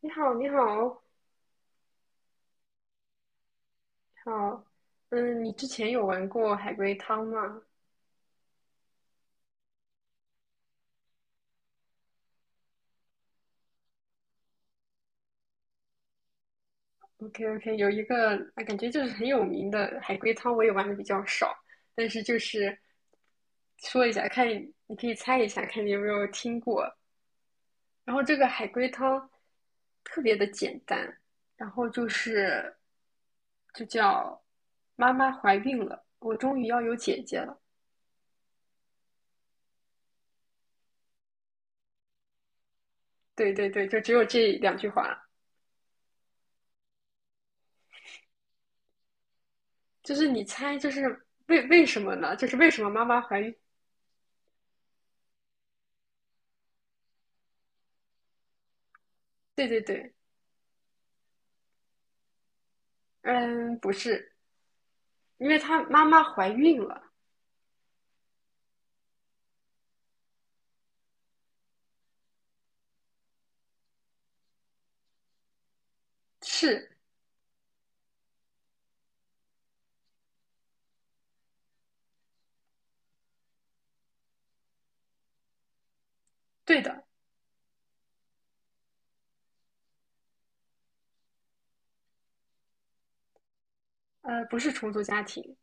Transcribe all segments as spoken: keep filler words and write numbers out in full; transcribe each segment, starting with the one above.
你好，你好，好，嗯，你之前有玩过海龟汤吗？OK，OK，有一个啊，感觉就是很有名的海龟汤，我也玩的比较少，但是就是说一下，看你可以猜一下，看你有没有听过。然后这个海龟汤特别的简单，然后就是就叫妈妈怀孕了，我终于要有姐姐了。对对对，就只有这两句话。就是你猜，就是为为什么呢？就是为什么妈妈怀孕？对对对，嗯，不是，因为她妈妈怀孕了，是对的，呃，不是重组家庭，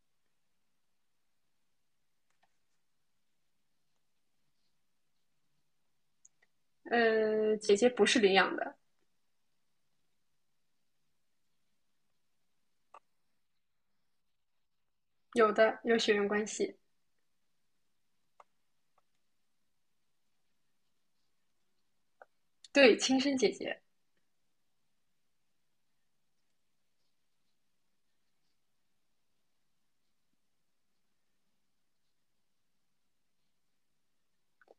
呃，姐姐不是领养的，有的有血缘关系，对，亲生姐姐，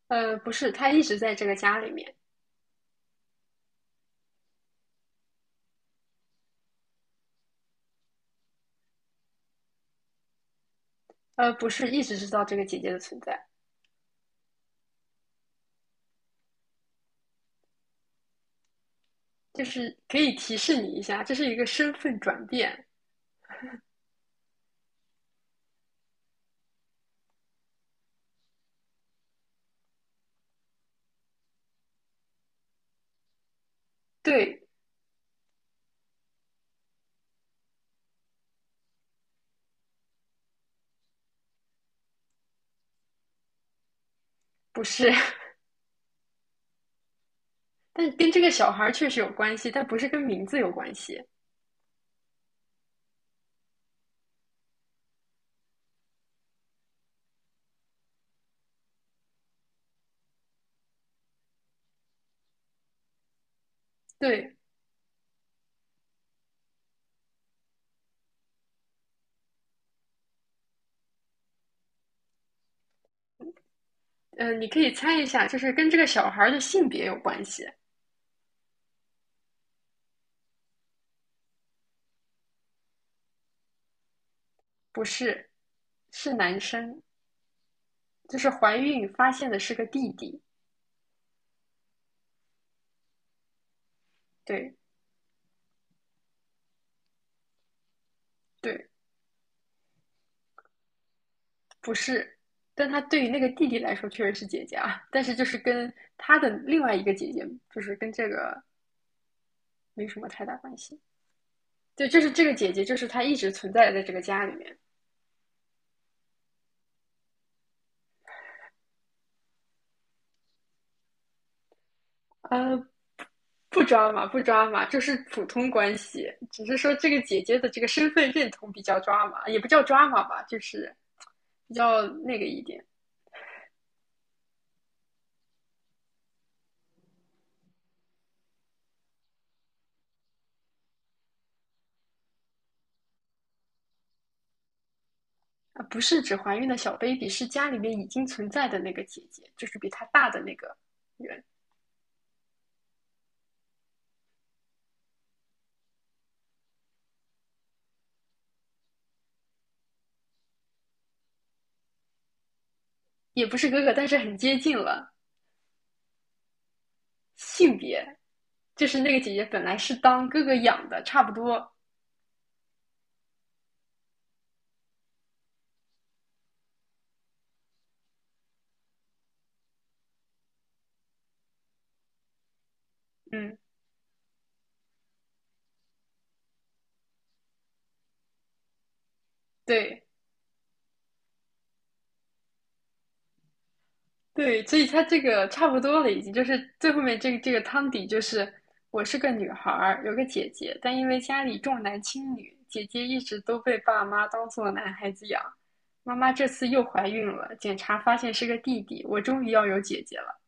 呃，不是，她一直在这个家里面，呃，不是一直知道这个姐姐的存在，就是可以提示你一下，这是一个身份转变，对，不是，但跟这个小孩确实有关系，但不是跟名字有关系，对。嗯、呃你可以猜一下，就是跟这个小孩儿的性别有关系，不是，是男生，就是怀孕发现的是个弟弟，对对，不是，但他对于那个弟弟来说确实是姐姐啊，但是就是跟他的另外一个姐姐，就是跟这个没什么太大关系。对，就是这个姐姐，就是她一直存在在这个家里面。呃，不抓马，不抓马，就是普通关系，只是说这个姐姐的这个身份认同比较抓马，也不叫抓马吧，就是比较那个一点啊，不是指怀孕的小 baby，是家里面已经存在的那个姐姐，就是比她大的那个人，也不是哥哥，但是很接近了。性别就是那个姐姐本来是当哥哥养的，差不多，嗯，对，对，所以他这个差不多了，已经就是最后面这个这个汤底就是我是个女孩儿，有个姐姐，但因为家里重男轻女，姐姐一直都被爸妈当做男孩子养。妈妈这次又怀孕了，检查发现是个弟弟，我终于要有姐姐了。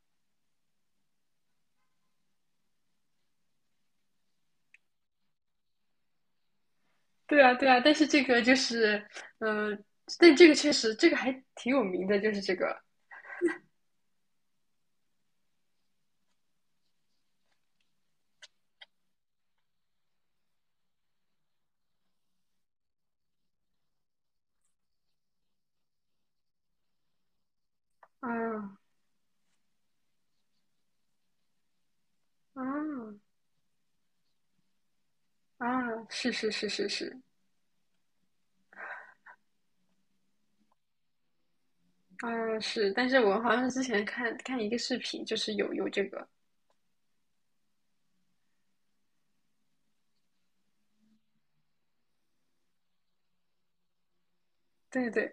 对啊，对啊，但是这个就是，嗯、但这个确实这个还挺有名的，就是这个，嗯嗯啊！是是是是是，嗯是，但是我好像之前看看一个视频，就是有有这个。对对，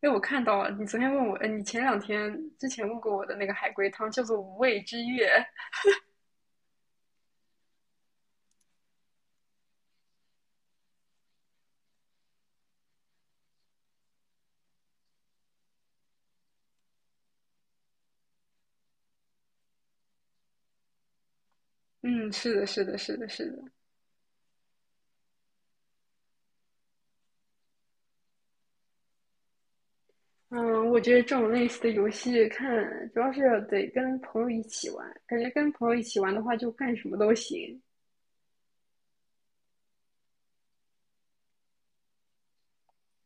因为我看到了，你昨天问我，呃，你前两天之前问过我的那个海龟汤叫做《无畏之月》。嗯，是的，是的，是的，是的。嗯，我觉得这种类似的游戏看，主要是得跟朋友一起玩，感觉跟朋友一起玩的话，就干什么都行。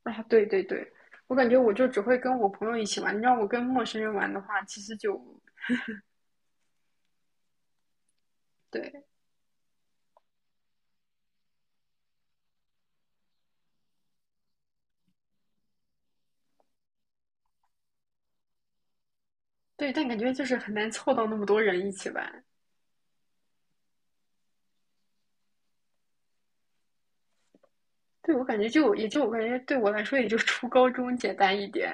啊，对对对，我感觉我就只会跟我朋友一起玩，你让我跟陌生人玩的话，其实就对对，但感觉就是很难凑到那么多人一起玩。对，我感觉就也就我感觉对我来说也就初高中简单一点。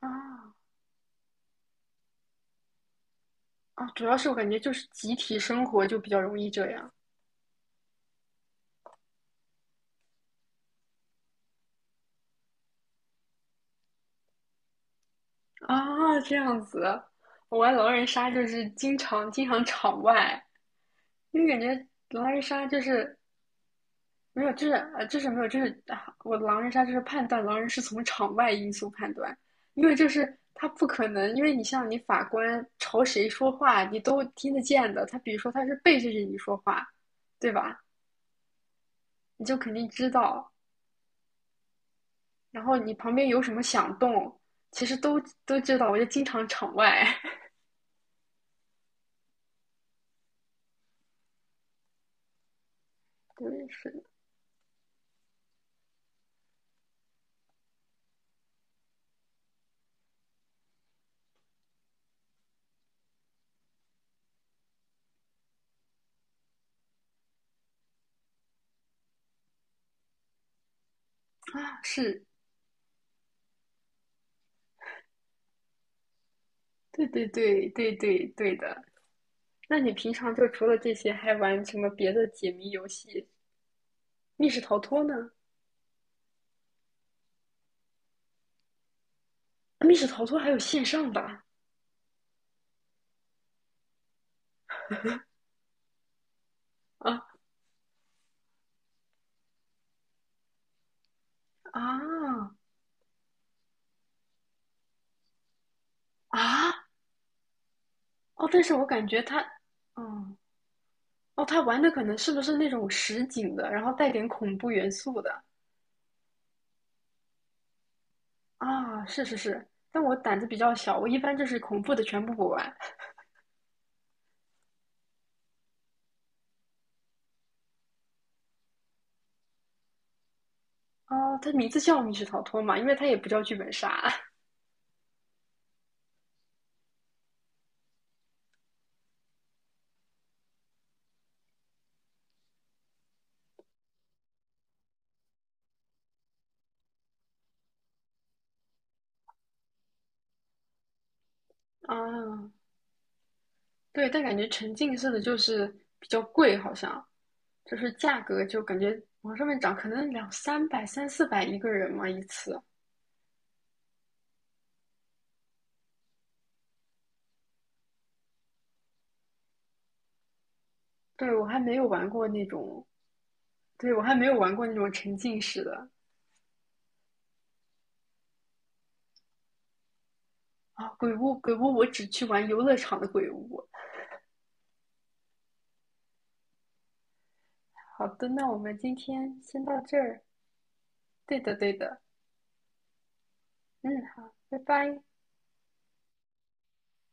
啊，啊，主要是我感觉就是集体生活就比较容易这样啊，这样子。我玩狼人杀就是经常经常场外，因为感觉狼人杀就是没有，就是呃，就是没有，就是啊，我狼人杀就是判断狼人是从场外因素判断，因为就是他不可能，因为你像你法官朝谁说话，你都听得见的。他比如说他是背对着你说话，对吧？你就肯定知道。然后你旁边有什么响动，其实都都知道，我就经常场外。对，是啊，是，对对对对对对的。那你平常就除了这些，还玩什么别的解谜游戏？密室逃脱呢？密室逃脱还有线上的啊啊啊！哦，但是我感觉他，哦哦，他玩的可能是不是那种实景的，然后带点恐怖元素的啊？是是是，但我胆子比较小，我一般就是恐怖的全部不玩，哦，它名字叫密室逃脱嘛，因为它也不叫剧本杀 啊。对，但感觉沉浸式的就是比较贵，好像就是价格就感觉往上面涨，可能两三百、三四百一个人嘛一次。对，我还没有玩过那种，对，我还没有玩过那种沉浸式的啊。鬼屋，鬼屋，我只去玩游乐场的鬼屋。好的，那我们今天先到这儿。对的，对的，嗯，好，拜拜。